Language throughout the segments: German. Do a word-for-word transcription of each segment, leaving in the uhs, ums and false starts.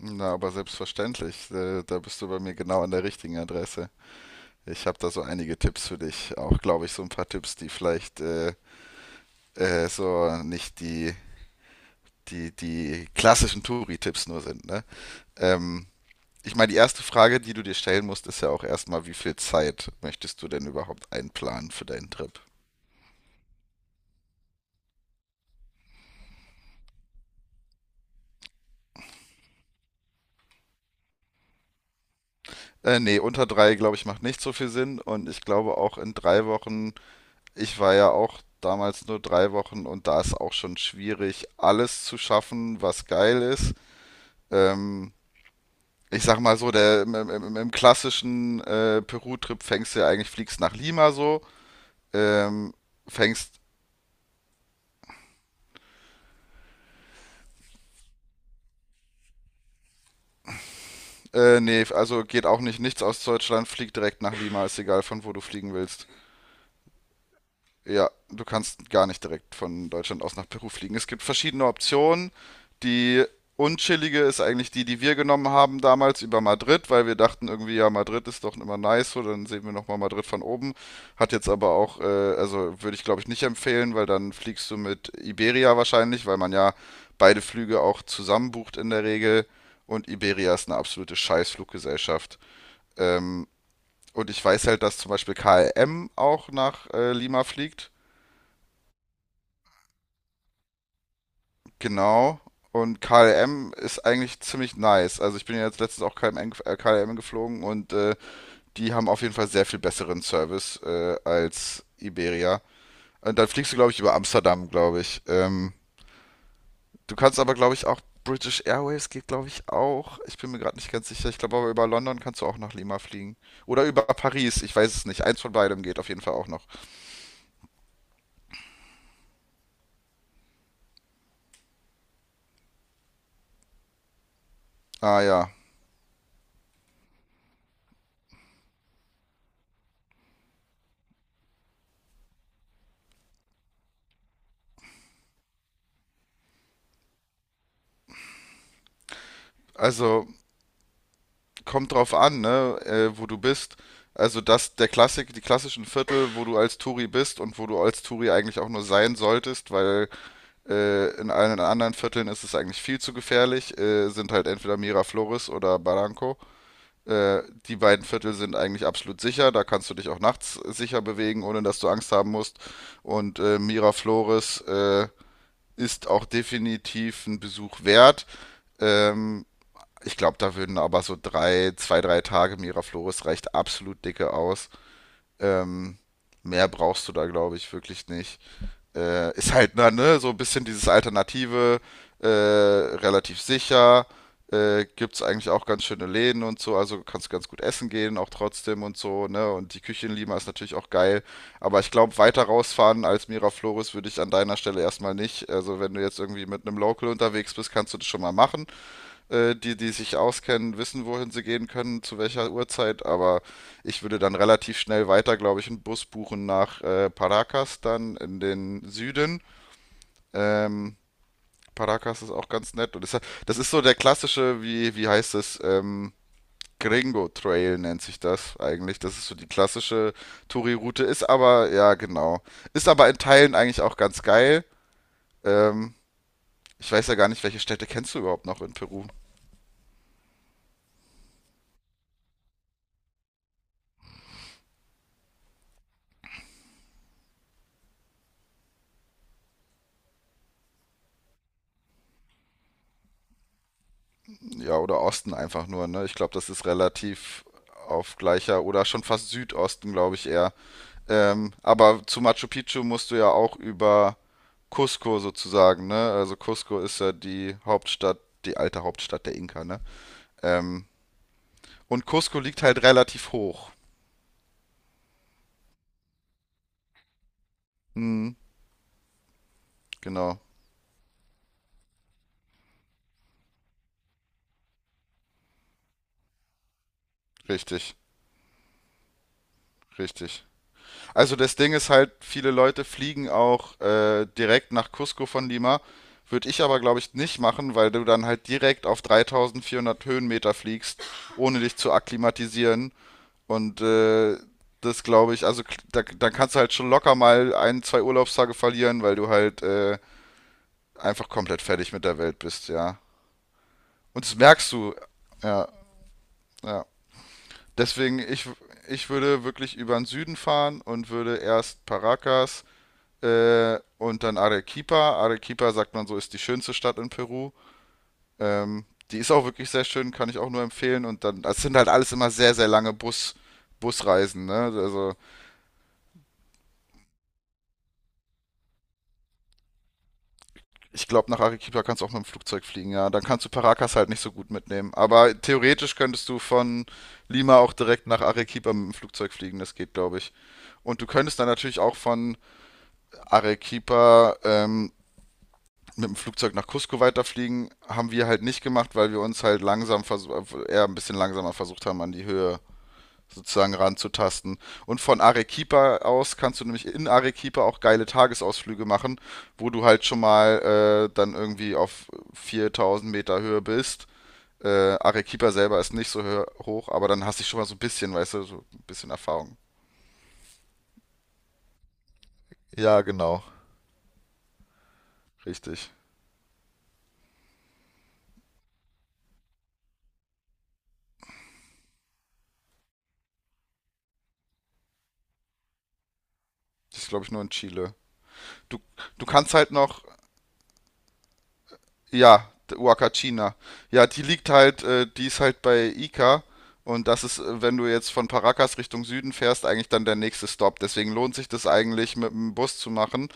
Na, aber selbstverständlich, äh, da bist du bei mir genau an der richtigen Adresse. Ich habe da so einige Tipps für dich. Auch, glaube ich, so ein paar Tipps, die vielleicht äh, äh, so nicht die, die, die klassischen Touri-Tipps nur sind, ne? Ähm, Ich meine, die erste Frage, die du dir stellen musst, ist ja auch erstmal, wie viel Zeit möchtest du denn überhaupt einplanen für deinen Trip? Äh, nee, unter drei, glaube ich, macht nicht so viel Sinn. Und ich glaube auch in drei Wochen. Ich war ja auch damals nur drei Wochen und da ist auch schon schwierig, alles zu schaffen, was geil ist. Ähm, Ich sag mal so, der, im, im, im klassischen äh, Peru-Trip fängst du ja eigentlich, fliegst nach Lima so. ähm, fängst, äh, Nee, also geht auch nicht nichts aus Deutschland, flieg direkt nach Lima, ist egal von wo du fliegen willst. Ja, du kannst gar nicht direkt von Deutschland aus nach Peru fliegen. Es gibt verschiedene Optionen. Die unchillige ist eigentlich die, die wir genommen haben damals über Madrid, weil wir dachten irgendwie, ja, Madrid ist doch immer nice, so dann sehen wir nochmal Madrid von oben. Hat jetzt aber auch, äh, also würde ich glaube ich nicht empfehlen, weil dann fliegst du mit Iberia wahrscheinlich, weil man ja beide Flüge auch zusammen bucht in der Regel. Und Iberia ist eine absolute Scheißfluggesellschaft. Ähm, und ich weiß halt, dass zum Beispiel K L M auch nach äh, Lima fliegt. Genau. Und K L M ist eigentlich ziemlich nice. Also ich bin ja jetzt letztens auch K L M, gef- äh, K L M geflogen und äh, die haben auf jeden Fall sehr viel besseren Service äh, als Iberia. Und dann fliegst du, glaube ich, über Amsterdam, glaube ich. Ähm, du kannst aber, glaube ich, auch British Airways geht, glaube ich, auch. Ich bin mir gerade nicht ganz sicher. Ich glaube aber über London kannst du auch nach Lima fliegen. Oder über Paris. Ich weiß es nicht. Eins von beidem geht auf jeden Fall auch noch. Ah ja. Also kommt drauf an, ne, äh, wo du bist. Also das, der Klassik, die klassischen Viertel, wo du als Touri bist und wo du als Touri eigentlich auch nur sein solltest, weil äh, in allen anderen Vierteln ist es eigentlich viel zu gefährlich, äh, sind halt entweder Miraflores oder Barranco. Äh, die beiden Viertel sind eigentlich absolut sicher, da kannst du dich auch nachts sicher bewegen, ohne dass du Angst haben musst. Und äh, Miraflores äh, ist auch definitiv ein Besuch wert. Ähm, Ich glaube, da würden aber so drei, zwei, drei Tage Miraflores reicht absolut dicke aus. Ähm, Mehr brauchst du da, glaube ich, wirklich nicht. Äh, ist halt na, ne, so ein bisschen dieses Alternative, äh, relativ sicher. Äh, gibt es eigentlich auch ganz schöne Läden und so, also kannst du ganz gut essen gehen, auch trotzdem und so, ne? Und die Küche in Lima ist natürlich auch geil. Aber ich glaube, weiter rausfahren als Miraflores würde ich an deiner Stelle erstmal nicht. Also wenn du jetzt irgendwie mit einem Local unterwegs bist, kannst du das schon mal machen, äh, die, die sich auskennen, wissen, wohin sie gehen können, zu welcher Uhrzeit, aber ich würde dann relativ schnell weiter, glaube ich, einen Bus buchen nach äh, Paracas dann in den Süden. Ähm, Paracas ist auch ganz nett und das, das ist so der klassische, wie, wie heißt es, ähm, Gringo Trail nennt sich das eigentlich. Das ist so die klassische Touri-Route, ist aber, ja genau, ist aber in Teilen eigentlich auch ganz geil. Ähm, Ich weiß ja gar nicht, welche Städte kennst du überhaupt noch in Peru? Ja, oder Osten einfach nur, ne? Ich glaube, das ist relativ auf gleicher oder schon fast Südosten, glaube ich eher. Ähm, aber zu Machu Picchu musst du ja auch über Cusco sozusagen, ne? Also Cusco ist ja die Hauptstadt, die alte Hauptstadt der Inka, ne? Ähm, und Cusco liegt halt relativ hoch. Hm, genau, richtig, richtig. Also das Ding ist halt, viele Leute fliegen auch äh, direkt nach Cusco von Lima. Würde ich aber, glaube ich, nicht machen, weil du dann halt direkt auf dreitausendvierhundert Höhenmeter fliegst, ohne dich zu akklimatisieren. Und äh, das glaube ich, also kl- da, dann kannst du halt schon locker mal ein, zwei Urlaubstage verlieren, weil du halt äh, einfach komplett fertig mit der Welt bist, ja. Und das merkst du, ja, ja. Deswegen, ich, ich würde wirklich über den Süden fahren und würde erst Paracas, Äh, und dann Arequipa. Arequipa, sagt man so, ist die schönste Stadt in Peru. Ähm, Die ist auch wirklich sehr schön, kann ich auch nur empfehlen. Und dann, das sind halt alles immer sehr, sehr lange Bus, Busreisen, ne? Also, ich glaube, nach Arequipa kannst du auch mit dem Flugzeug fliegen, ja. Dann kannst du Paracas halt nicht so gut mitnehmen. Aber theoretisch könntest du von Lima auch direkt nach Arequipa mit dem Flugzeug fliegen, das geht, glaube ich. Und du könntest dann natürlich auch von Arequipa ähm, mit dem Flugzeug nach Cusco weiterfliegen, haben wir halt nicht gemacht, weil wir uns halt langsam versuch- eher ein bisschen langsamer versucht haben, an die Höhe sozusagen ranzutasten. Und von Arequipa aus kannst du nämlich in Arequipa auch geile Tagesausflüge machen, wo du halt schon mal äh, dann irgendwie auf viertausend Meter Höhe bist. Äh, Arequipa selber ist nicht so hö- hoch, aber dann hast du schon mal so ein bisschen, weißt du, so ein bisschen Erfahrung. Ja, genau, richtig. Das ist, glaube ich, nur in Chile. Du, du kannst halt noch, ja, Wakachina. Ja, die liegt halt, äh, die ist halt bei Ica. Und das ist, äh, wenn du jetzt von Paracas Richtung Süden fährst, eigentlich dann der nächste Stop. Deswegen lohnt sich das eigentlich, mit dem Bus zu machen,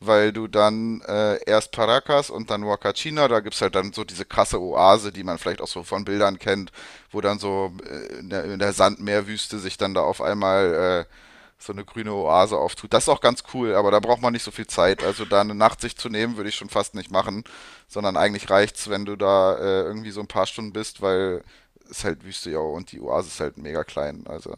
weil du dann äh, erst Paracas und dann Huacachina, da gibt's halt dann so diese krasse Oase, die man vielleicht auch so von Bildern kennt, wo dann so äh, in der, in der Sandmeerwüste sich dann da auf einmal äh, so eine grüne Oase auftut. Das ist auch ganz cool, aber da braucht man nicht so viel Zeit. Also da eine Nacht sich zu nehmen, würde ich schon fast nicht machen, sondern eigentlich reicht's, wenn du da äh, irgendwie so ein paar Stunden bist, weil es halt Wüste ja und die Oase ist halt mega klein. Also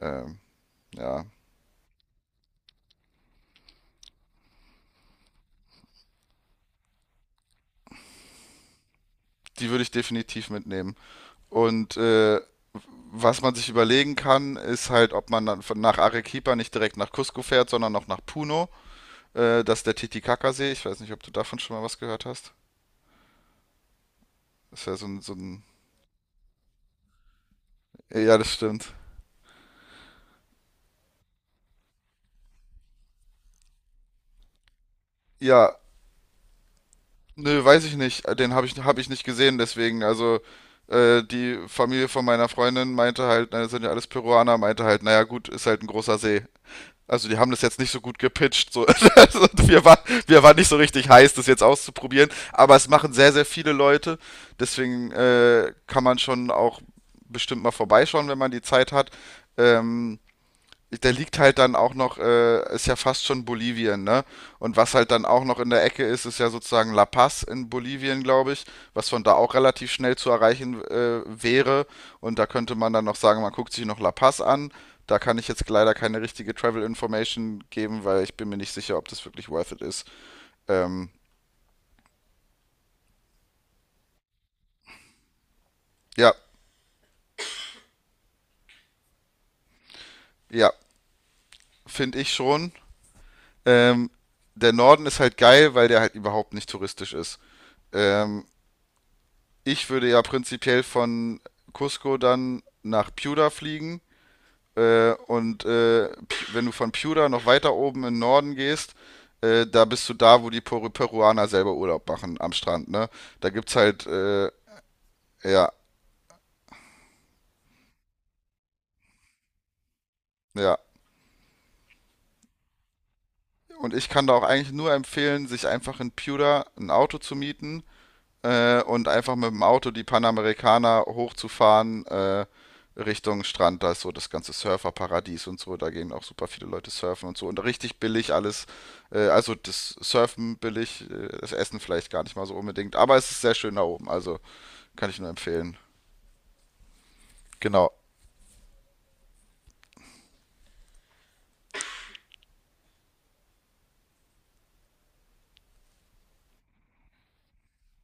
ähm, ja, die würde ich definitiv mitnehmen. Und äh, was man sich überlegen kann, ist halt, ob man dann von- nach Arequipa nicht direkt nach Cusco fährt, sondern noch nach Puno. Äh, das ist der Titicaca-See. Ich weiß nicht, ob du davon schon mal was gehört hast. Das wäre so ein, so ein. Ja, das stimmt. Ja, nö, weiß ich nicht. Den habe ich, hab ich nicht gesehen, deswegen. Also, äh, die Familie von meiner Freundin meinte halt, na, das sind ja alles Peruaner, meinte halt, naja, gut, ist halt ein großer See. Also die haben das jetzt nicht so gut gepitcht. So. Also wir, waren, wir waren nicht so richtig heiß, das jetzt auszuprobieren. Aber es machen sehr, sehr viele Leute. Deswegen äh, kann man schon auch bestimmt mal vorbeischauen, wenn man die Zeit hat. Ähm, Da liegt halt dann auch noch, äh, ist ja fast schon Bolivien, ne? Und was halt dann auch noch in der Ecke ist, ist ja sozusagen La Paz in Bolivien, glaube ich, was von da auch relativ schnell zu erreichen äh, wäre. Und da könnte man dann noch sagen, man guckt sich noch La Paz an. Da kann ich jetzt leider keine richtige Travel Information geben, weil ich bin mir nicht sicher, ob das wirklich worth it ist. Ähm, ja, ja, finde ich schon. Ähm, der Norden ist halt geil, weil der halt überhaupt nicht touristisch ist. Ähm, Ich würde ja prinzipiell von Cusco dann nach Piura fliegen. Äh, und äh, P- wenn du von Piura noch weiter oben in den Norden gehst, äh, da bist du da, wo die Peru Peruaner selber Urlaub machen am Strand, ne? Da gibt's halt, äh, ja, ja. Und ich kann da auch eigentlich nur empfehlen, sich einfach in Piura ein Auto zu mieten äh, und einfach mit dem Auto die Panamericana hochzufahren, äh, Richtung Strand. Da ist so das ganze Surferparadies und so. Da gehen auch super viele Leute surfen und so. Und richtig billig alles. Äh, also das Surfen billig, äh, das Essen vielleicht gar nicht mal so unbedingt. Aber es ist sehr schön da oben. Also kann ich nur empfehlen. Genau.